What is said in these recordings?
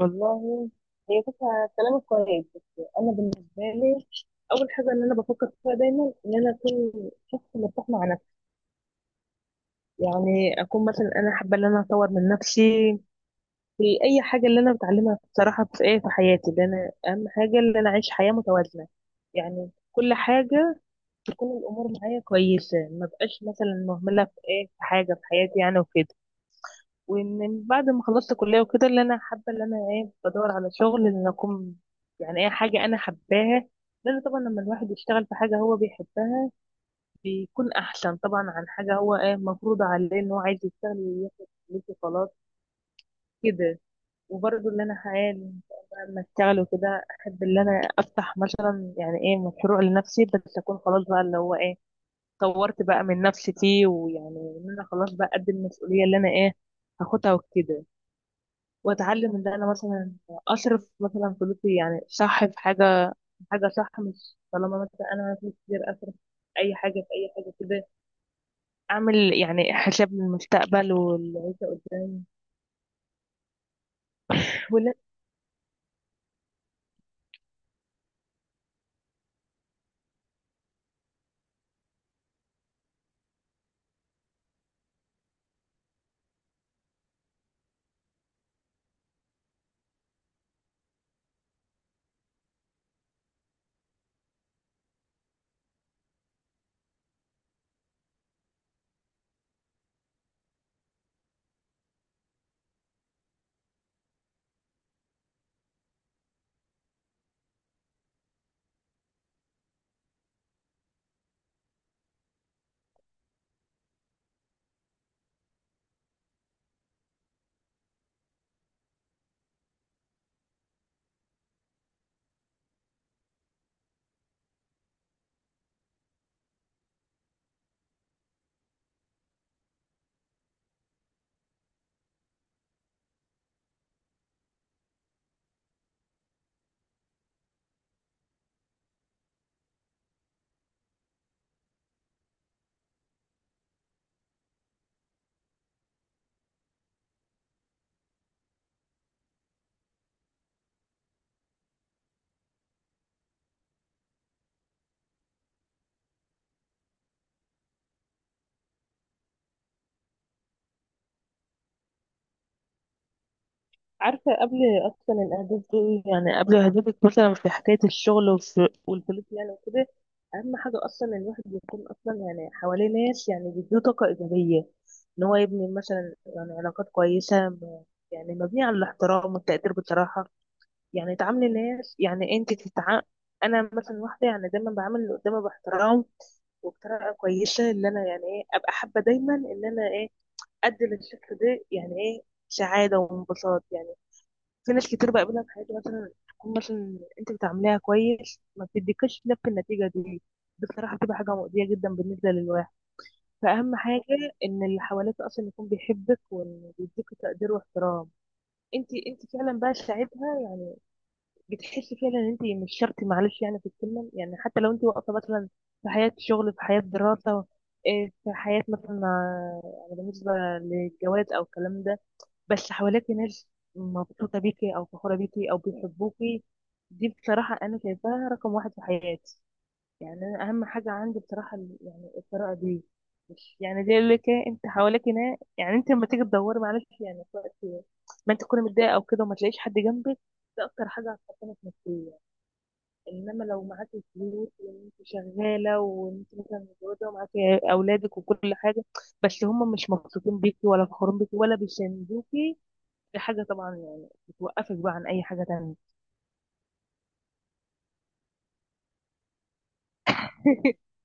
والله، هي فكرة. كلامك كويس بس أنا بالنسبة لي أول حاجة إن أنا بفكر فيها دايما إن أنا أكون شخص مرتاح مع نفسي. يعني أكون مثلا أنا حابة إن أنا أطور من نفسي في أي حاجة اللي أنا بتعلمها، بصراحة في إيه في حياتي اللي أنا أهم حاجة، إن أنا أعيش حياة متوازنة. يعني كل حاجة تكون الأمور معايا كويسة، ما بقاش مثلا مهملة في إيه في حاجة في حياتي يعني وكده. وان بعد ما خلصت كليه وكده، اللي انا حابه اللي انا ايه بدور على شغل ان اكون يعني ايه حاجه انا حباها. لان طبعا لما الواحد يشتغل في حاجه هو بيحبها بيكون احسن، طبعا عن حاجه هو ايه مفروض عليه ان هو عايز يشتغل وياخد فلوس وخلاص كده. وبرضه اللي انا حالي لما اشتغل وكده احب اللي انا افتح مثلا يعني ايه مشروع لنفسي، بس اكون خلاص بقى اللي هو ايه طورت بقى من نفسي فيه، ويعني ان انا خلاص بقى قد المسؤوليه اللي انا ايه هاخدها وكده. واتعلم ان انا مثلا اصرف مثلا فلوسي يعني صح في حاجه، حاجه صح، مش طالما مثلا انا فلوس كتير اصرف اي حاجه في اي حاجه كده. اعمل يعني حساب للمستقبل والعيشه قدام. ولا؟ عارفه قبل اصلا الاهداف دي، يعني قبل اهدافك مثلا في حكايه الشغل، والفلوس يعني وكده. اهم حاجه اصلا إن الواحد يكون اصلا يعني حواليه ناس يعني بيديه طاقه ايجابيه. ان هو يبني مثلا يعني علاقات كويسه يعني مبنيه على الاحترام والتقدير بصراحه. يعني تعاملي الناس، يعني انت انا مثلا واحده يعني دايما بعامل اللي قدامي باحترام وبطريقه كويسه. اللي انا يعني ايه ابقى حابه دايما ان انا ايه ادي للشخص ده يعني ايه سعاده وانبساط يعني. في ناس كتير بقابلها في حياتي مثلا تكون مثلا انت بتعامليها كويس ما بتديكش نفس النتيجه دي، بصراحه بتبقى حاجه مؤذيه جدا بالنسبه للواحد. فاهم حاجه ان اللي حواليك اصلا يكون بيحبك وان بيديك تقدير واحترام، انت فعلا بقى ساعتها بتحسي فعلا ان انت مش شرط، معلش يعني في الكلمه. يعني حتى لو انت واقفه مثلا في حياه شغل، في حياه دراسه، إيه، في حياه مثلا، يعني بالنسبه للجواز او الكلام ده، بس حواليك ناس مبسوطه بيكي او فخوره بيكي او بيحبوكي، دي بصراحه انا شايفاها رقم واحد في حياتي. يعني انا اهم حاجه عندي بصراحه يعني القراءه دي. مش يعني دي اللي انت حواليك هنا، يعني انت لما تيجي تدوري معلش يعني في وقت ما انت تكوني متضايقه او كده وما تلاقيش حد جنبك، ده اكتر حاجه هتحطمك نفسيا. انما لو معاكي فلوس وانت شغاله وانت مثلا متجوزه ومعاكي اولادك وكل حاجه، بس هم مش مبسوطين بيكي ولا فخورين بيكي ولا بيساندوكي، دي حاجه طبعا يعني بتوقفك بقى عن اي حاجه تانية.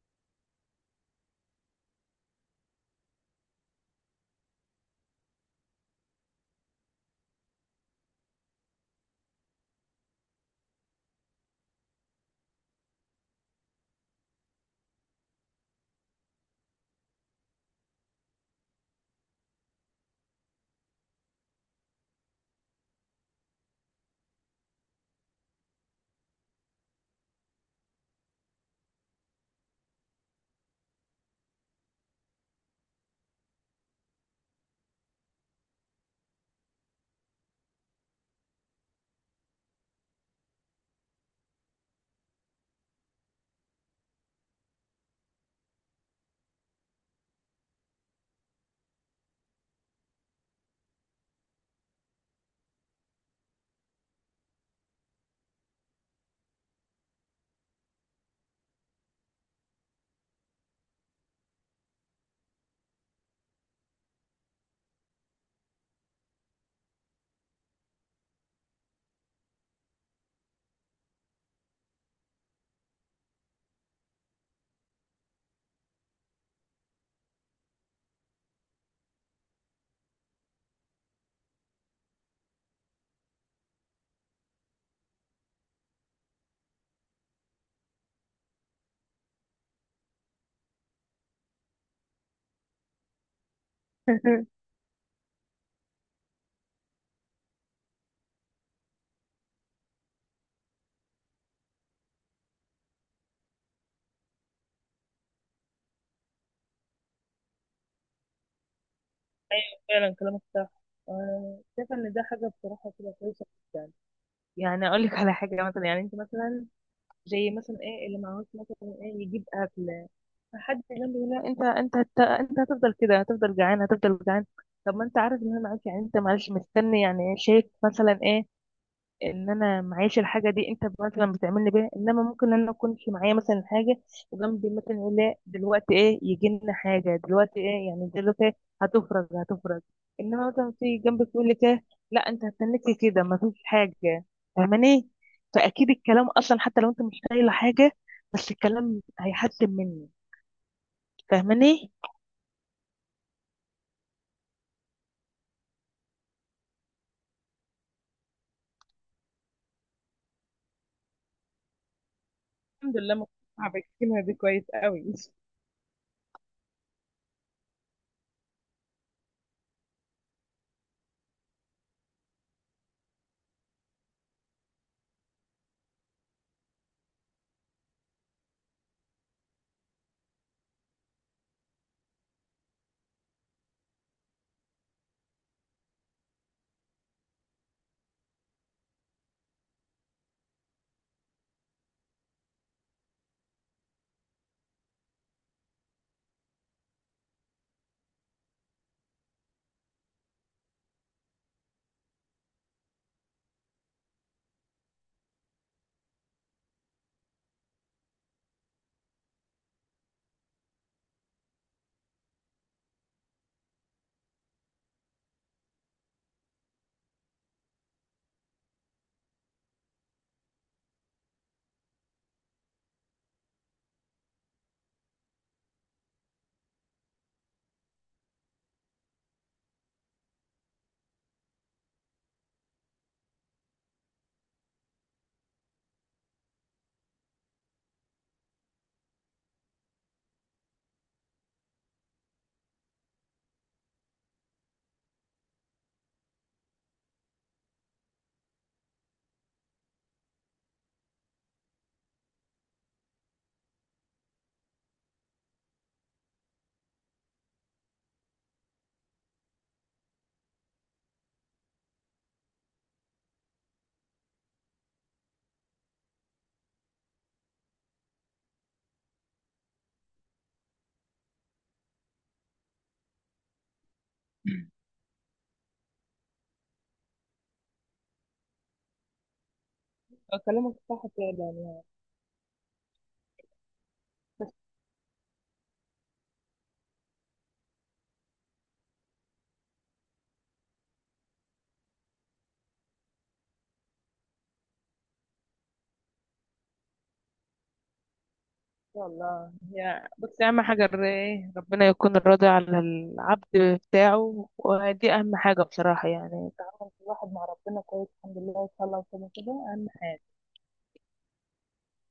فعلا كلامك صح. شايفة ان ده حاجة بصراحة كده كويسة جدا. يعني اقول لك على حاجة مثلا، يعني انت مثلا زي مثلا ايه اللي معهوش مثلا ايه يجيب اكل، فحد جنبه يقول له انت انت هتفضل كده، هتفضل جعان هتفضل جعان. طب ما انت عارف ان انا معاك، يعني انت معلش مستني يعني شايف مثلا ايه ان انا معيش الحاجه دي انت مثلا بتعملني بيها. انما ممكن انا اكونش معايا مثلا حاجه وجنبي مثلا يقول لا دلوقتي ايه يجي لنا حاجه دلوقتي ايه يعني دلوقتي إيه، هتفرج هتفرج. انما مثلا في جنبك يقول لك ايه، لا انت هتستنيكي كده مفيش حاجه. فاهماني؟ فاكيد الكلام اصلا حتى لو انت مش قايله حاجه، بس الكلام هيحسن مني. فاهماني؟ الحمد لله مقتنعة بكلمة دي كويس قوي. كلامك صح فعلا. والله، هي بصي اهم حاجه الرأي ربنا يكون راضي على العبد بتاعه، ودي اهم حاجه بصراحه. يعني تعامل الواحد مع ربنا كويس الحمد لله ان شاء الله وكده كده اهم حاجه.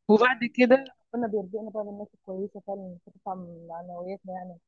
وبعد كده ربنا بيرزقنا بقى بالناس الكويسه فعلا اللي بتدفع من معنوياتنا يعني.